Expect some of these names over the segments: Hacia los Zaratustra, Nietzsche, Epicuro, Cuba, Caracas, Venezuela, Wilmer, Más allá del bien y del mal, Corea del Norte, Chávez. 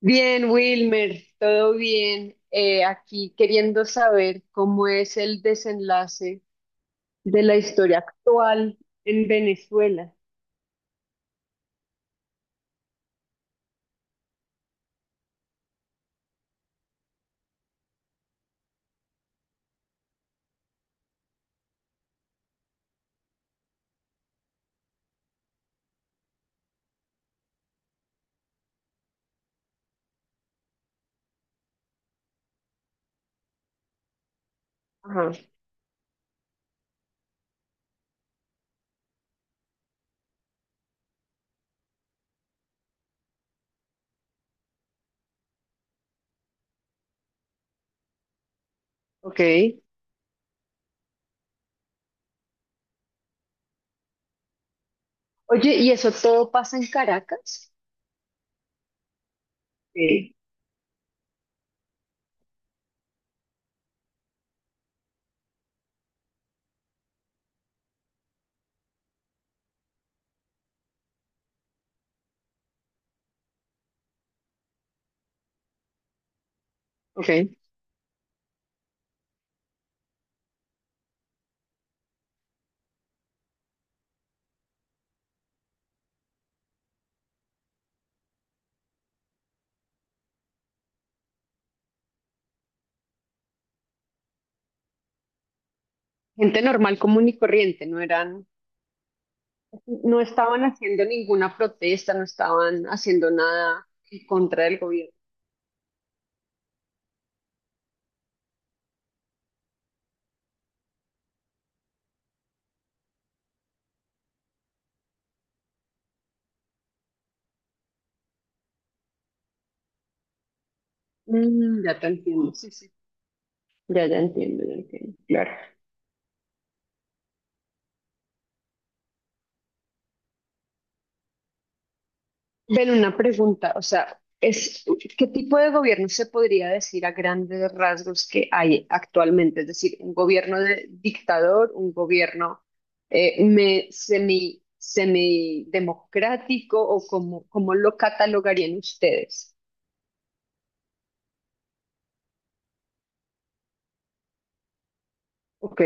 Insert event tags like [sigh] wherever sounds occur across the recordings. Bien, Wilmer, todo bien. Aquí queriendo saber cómo es el desenlace de la historia actual en Venezuela. Ajá, ok. Oye, ¿y eso todo pasa en Caracas? Sí, ok. Gente normal, común y corriente, no eran, no estaban haciendo ninguna protesta, no estaban haciendo nada en contra del gobierno. Mm, ya te entiendo, sí, sí. Ya, ya entiendo, ya entiendo. Claro. Ven, una pregunta, o sea, es, ¿qué tipo de gobierno se podría decir a grandes rasgos que hay actualmente? Es decir, un gobierno de dictador, un gobierno semi, semidemocrático o cómo, cómo lo catalogarían ustedes. ¿Ok?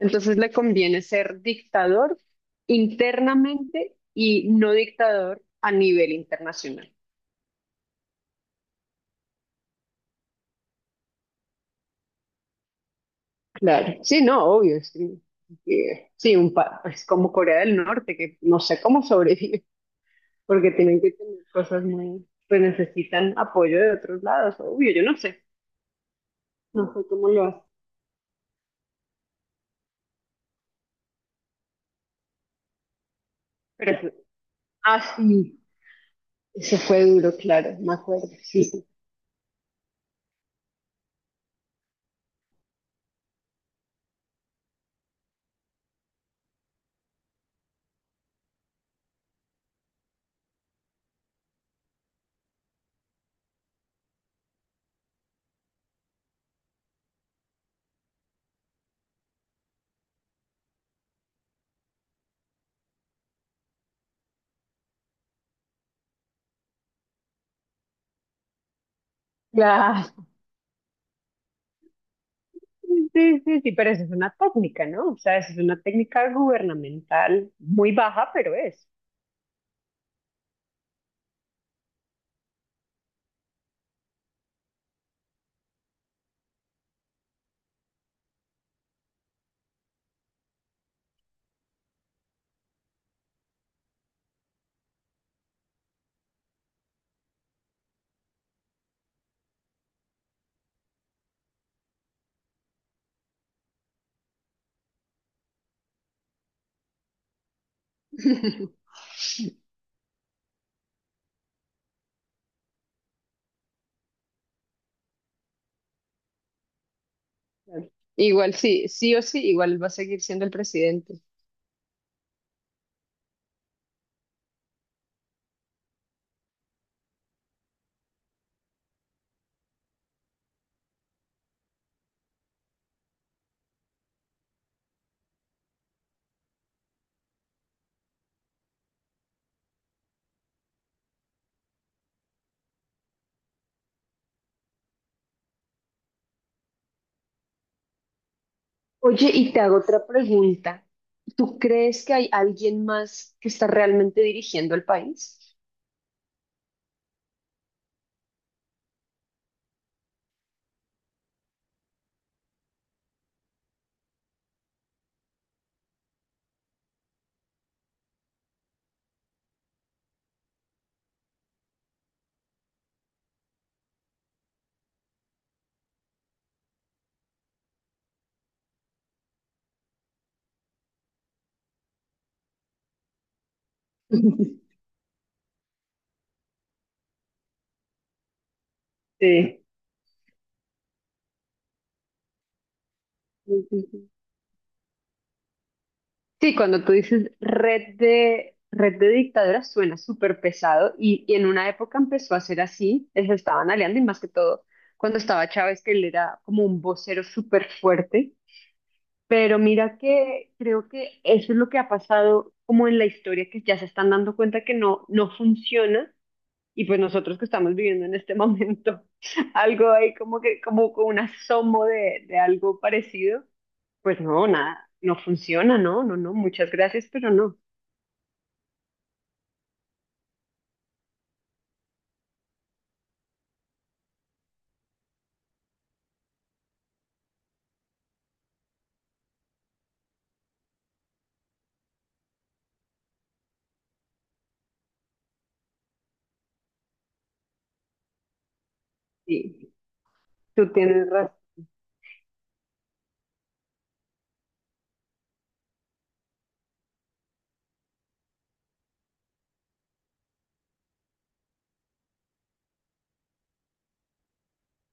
Entonces le conviene ser dictador internamente y no dictador a nivel internacional. Claro, sí, no, obvio, sí. Sí, un pa es como Corea del Norte, que no sé cómo sobrevive, porque tienen que tener cosas muy, pues necesitan apoyo de otros lados, obvio, yo no sé, no sé cómo lo hacen, pero fue- ah, sí, eso fue duro, claro, me acuerdo, sí, sí, claro, sí, sí, sí, pero eso es una técnica, ¿no? O sea, eso es una técnica gubernamental muy baja, pero es. [laughs] Igual sí, sí o sí, igual va a seguir siendo el presidente. Oye, y te hago otra pregunta. ¿Tú crees que hay alguien más que está realmente dirigiendo el país? [laughs] Sí, sí, sí, sí. Sí, cuando tú dices red de dictaduras suena súper pesado y en una época empezó a ser así, se estaban aliando y más que todo cuando estaba Chávez, que él era como un vocero súper fuerte, pero mira que creo que eso es lo que ha pasado como en la historia, que ya se están dando cuenta que no, no funciona. Y pues nosotros que estamos viviendo en este momento [laughs] algo ahí como que, como con un asomo de algo parecido, pues no, nada, no funciona, no, no, no, muchas gracias, pero no. Sí, tú tienes razón.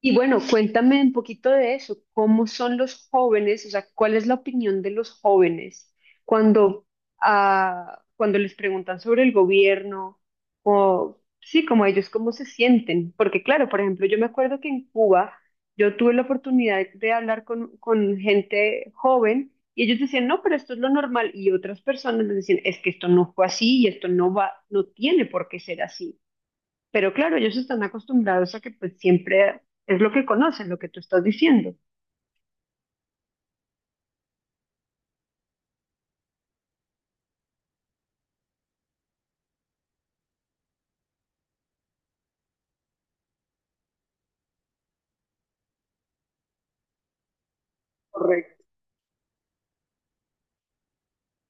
Y bueno, cuéntame un poquito de eso, ¿cómo son los jóvenes? O sea, ¿cuál es la opinión de los jóvenes cuando, cuando les preguntan sobre el gobierno? O sí, como ellos, ¿cómo se sienten? Porque claro, por ejemplo, yo me acuerdo que en Cuba yo tuve la oportunidad de hablar con gente joven y ellos decían, no, pero esto es lo normal. Y otras personas les decían, es que esto no fue así y esto no va, no tiene por qué ser así. Pero claro, ellos están acostumbrados a que pues siempre es lo que conocen, lo que tú estás diciendo. Correcto.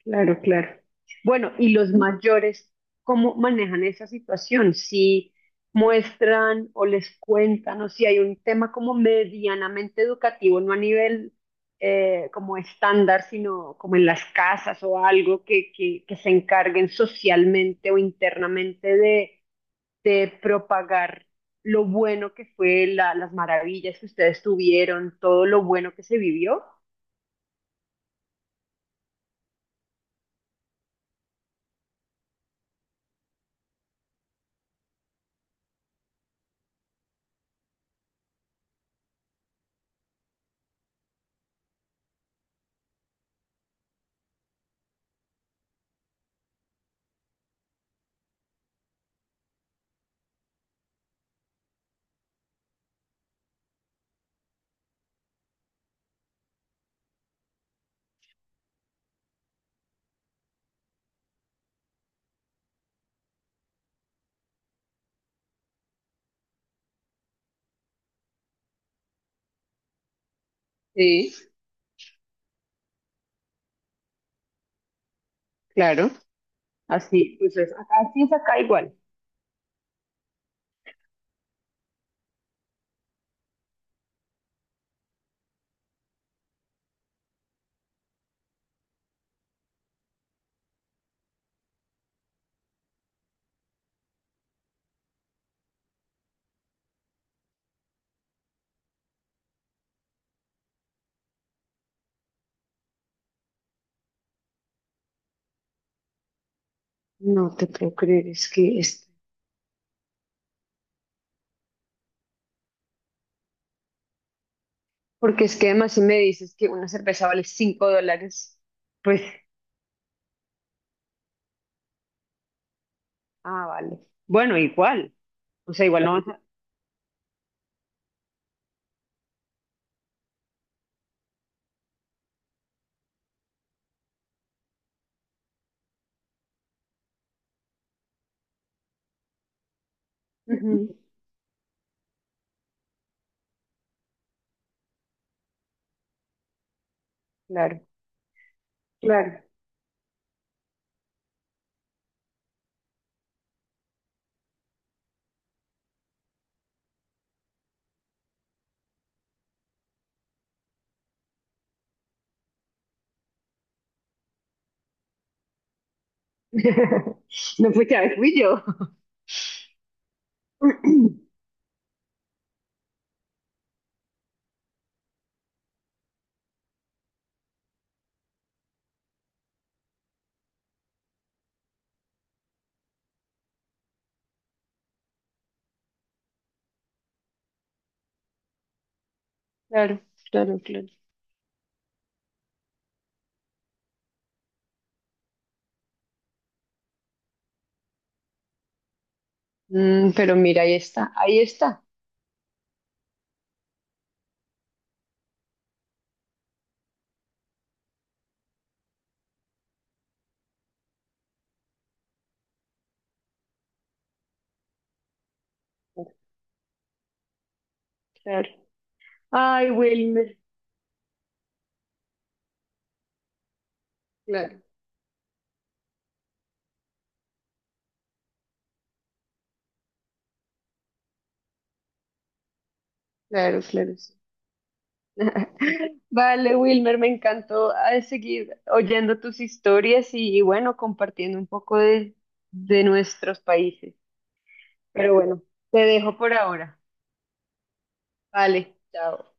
Claro, claro. Bueno, ¿y los mayores cómo manejan esa situación? Si muestran o les cuentan o si hay un tema como medianamente educativo, no a nivel como estándar, sino como en las casas o algo que se encarguen socialmente o internamente de propagar lo bueno que fue, la, las maravillas que ustedes tuvieron, todo lo bueno que se vivió. Sí, claro. Así, pues es acá, así es acá igual. No te puedo creer, es que es... Porque es que además si me dices que una cerveza vale 5 dólares, pues, ah, vale. Bueno, igual. O sea, igual no vas a... Ujú, claro, claro. [laughs] No fue que a ver, fui yo. [clears throat] Claro, claro, claro. Mm, pero mira, ahí está, ahí está. Claro. Ay, Wilmer, claro, claro, claro, sí. [laughs] Vale, Wilmer, me encantó seguir oyendo tus historias y bueno, compartiendo un poco de nuestros países. Pero bueno, te dejo por ahora. Vale, chao.